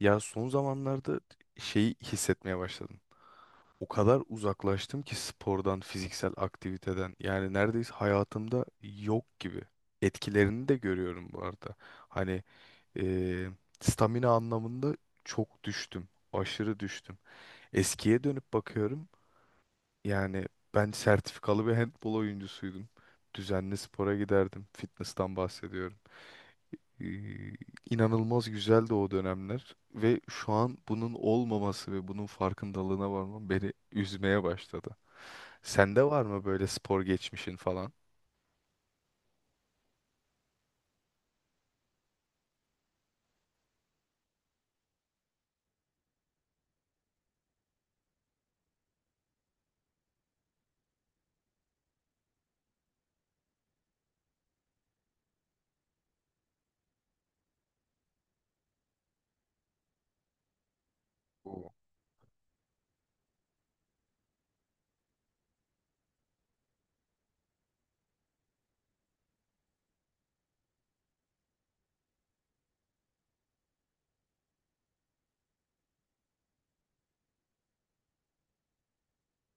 Ya son zamanlarda şeyi hissetmeye başladım. O kadar uzaklaştım ki spordan, fiziksel aktiviteden. Yani neredeyse hayatımda yok gibi. Etkilerini de görüyorum bu arada. Hani eee, stamina anlamında çok düştüm. Aşırı düştüm. Eskiye dönüp bakıyorum. Yani ben sertifikalı bir handbol oyuncusuydum. Düzenli spora giderdim. Fitness'tan bahsediyorum. Ee, inanılmaz güzeldi o dönemler ve şu an bunun olmaması ve bunun farkındalığına varmam beni üzmeye başladı. Sende var mı böyle spor geçmişin falan? Oo.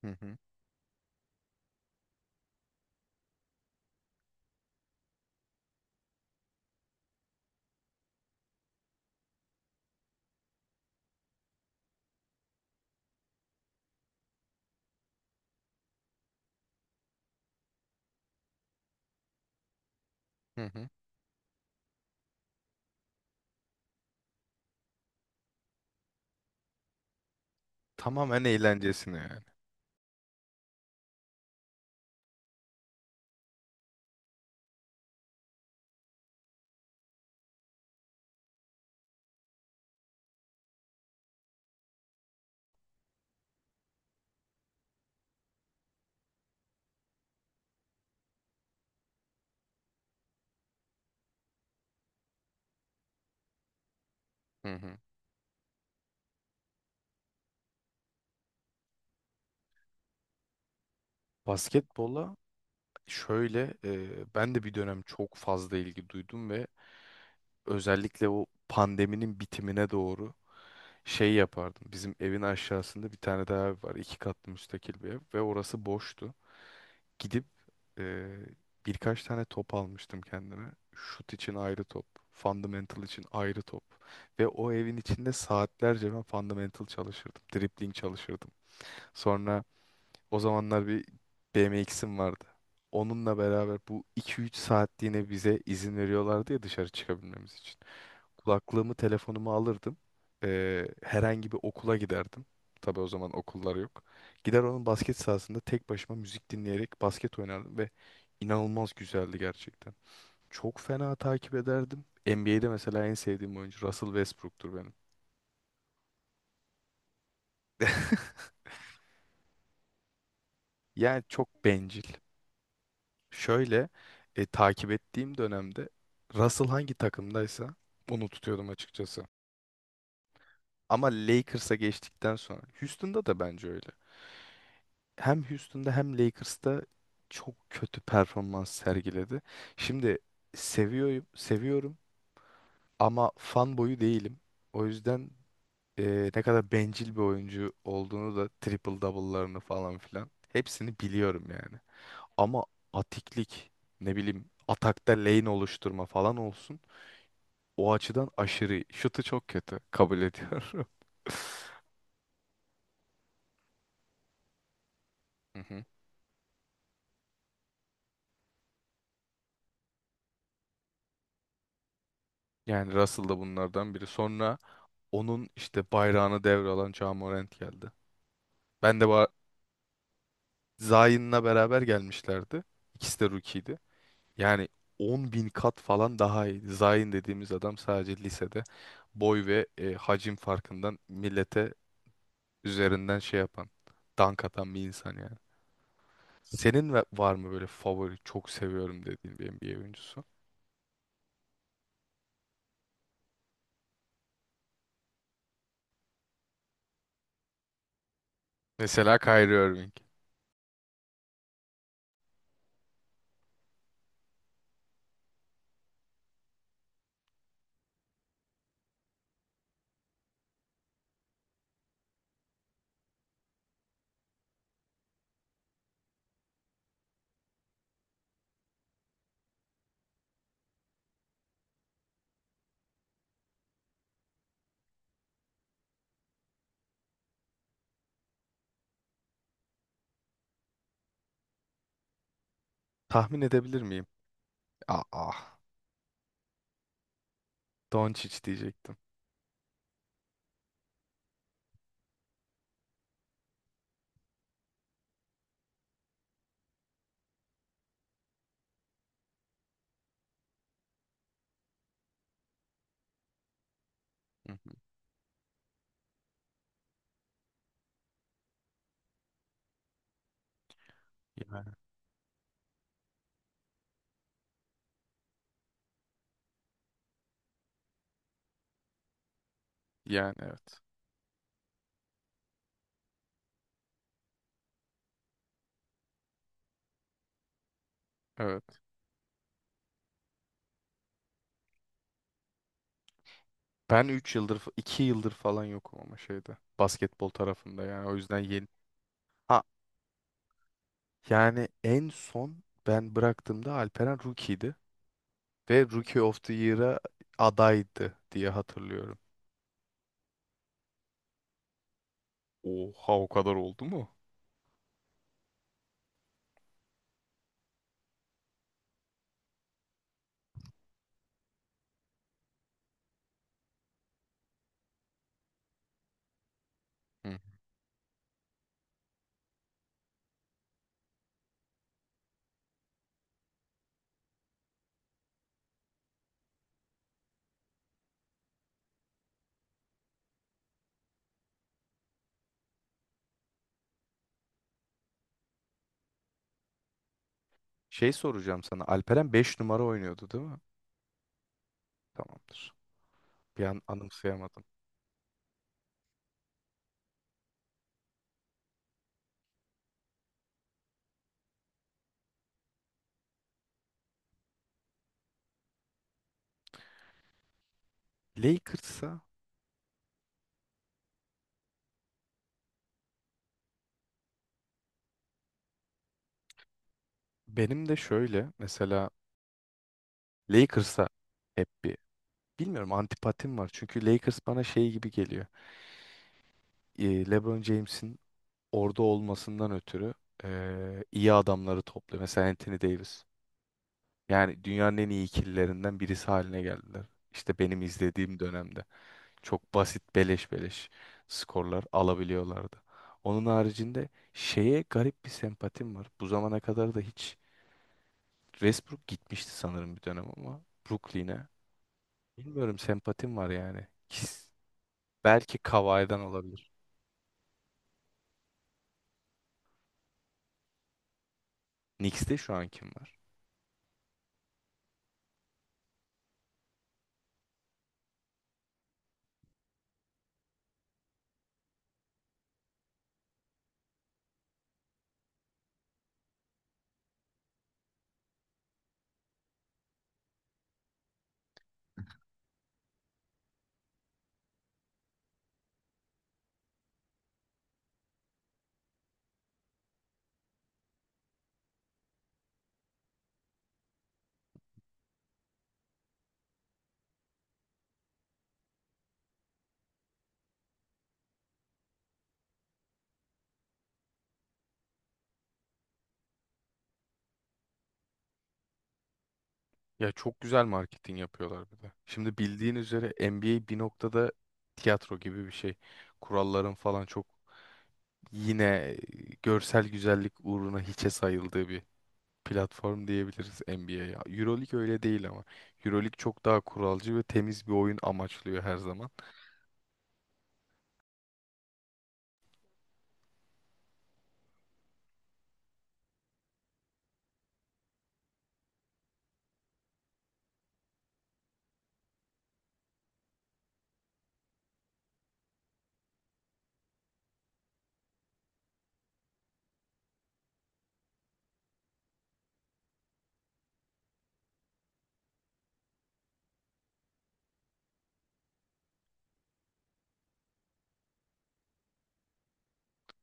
Hı hı. Hı hı. Tamamen eğlencesine yani. Hı hı. Basketbola şöyle ben de bir dönem çok fazla ilgi duydum ve özellikle o pandeminin bitimine doğru şey yapardım. Bizim evin aşağısında bir tane daha ev var. İki katlı müstakil bir ev ve orası boştu. Gidip e, birkaç tane top almıştım kendime. Şut için ayrı top, fundamental için ayrı top. Ve o evin içinde saatlerce ben fundamental çalışırdım, dribbling çalışırdım. Sonra o zamanlar bir BMX'im vardı. Onunla beraber bu 2-3 saatliğine bize izin veriyorlardı ya dışarı çıkabilmemiz için. Kulaklığımı, telefonumu alırdım. Herhangi bir okula giderdim. Tabii o zaman okullar yok. Gider onun basket sahasında tek başıma müzik dinleyerek basket oynardım ve inanılmaz güzeldi gerçekten. Çok fena takip ederdim. NBA'de mesela en sevdiğim oyuncu Russell Westbrook'tur benim. Yani çok bencil. Şöyle takip ettiğim dönemde Russell hangi takımdaysa onu tutuyordum açıkçası. Ama Lakers'a geçtikten sonra Houston'da da bence öyle. Hem Houston'da hem Lakers'ta çok kötü performans sergiledi. Şimdi seviyorum, ama fan boyu değilim. O yüzden ne kadar bencil bir oyuncu olduğunu da triple double'larını falan filan hepsini biliyorum yani. Ama atiklik ne bileyim atakta lane oluşturma falan olsun. O açıdan aşırı iyi. Şutu çok kötü. Kabul ediyorum. Hı hı. Yani Russell da bunlardan biri. Sonra onun işte bayrağını devralan Ja Morant geldi. Ben de ba- Zion'la beraber gelmişlerdi. İkisi de rookie'ydi. Yani 10 bin kat falan daha iyi. Zion dediğimiz adam sadece lisede boy ve hacim farkından millete üzerinden şey yapan, dank atan bir insan yani. Var mı böyle favori çok seviyorum dediğin bir NBA oyuncusu? Mesela Kyrie Irving. Tahmin edebilir miyim? Ah, ah. Doncic diyecektim. Hı hı. Yani. Yani evet. Evet. Ben 3 yıldır, 2 yıldır falan yokum ama şeyde. Basketbol tarafında yani. O yüzden yeni. Ha yani en son ben bıraktığımda Alperen rookie'ydi. Ve Rookie of the Year'a adaydı diye hatırlıyorum. Oha o kadar oldu mu? Hı. Şey soracağım sana. Alperen 5 numara oynuyordu değil mi? Tamamdır. Bir an anımsayamadım. Lakers'a benim de şöyle mesela Lakers'a hep bir bilmiyorum antipatim var. Çünkü Lakers bana şey gibi geliyor. LeBron James'in orada olmasından ötürü iyi adamları topluyor. Mesela Anthony Davis. Yani dünyanın en iyi ikililerinden birisi haline geldiler. İşte benim izlediğim dönemde çok basit beleş beleş skorlar alabiliyorlardı. Onun haricinde şeye garip bir sempatim var. Bu zamana kadar da hiç Westbrook gitmişti sanırım bir dönem ama Brooklyn'e. Bilmiyorum sempatim var yani. Belki Kawhi'den olabilir. Knicks'te şu an kim var? Ya çok güzel marketing yapıyorlar bir de. Şimdi bildiğin üzere NBA bir noktada tiyatro gibi bir şey. Kuralların falan çok yine görsel güzellik uğruna hiçe sayıldığı bir platform diyebiliriz NBA'ye. EuroLeague öyle değil ama. EuroLeague çok daha kuralcı ve temiz bir oyun amaçlıyor her zaman.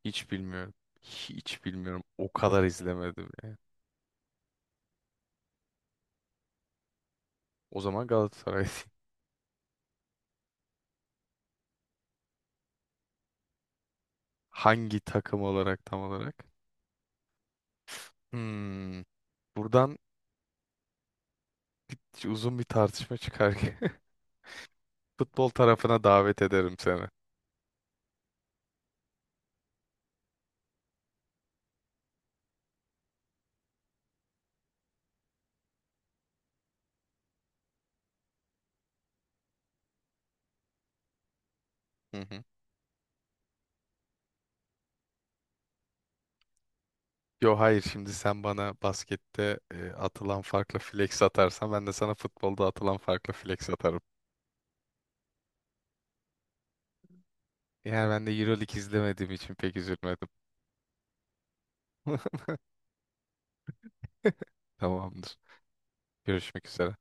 Hiç bilmiyorum. Hiç bilmiyorum. O kadar izlemedim yani. O zaman Galatasaray. Hangi takım olarak tam olarak? Hmm. Buradan uzun bir tartışma çıkar ki. Futbol tarafına davet ederim seni. Hı hı. Yo hayır, şimdi sen bana baskette atılan farklı flex atarsan ben de sana futbolda atılan farklı flex atarım. Yani ben de Euroleague izlemediğim için pek üzülmedim. Tamamdır. Görüşmek üzere.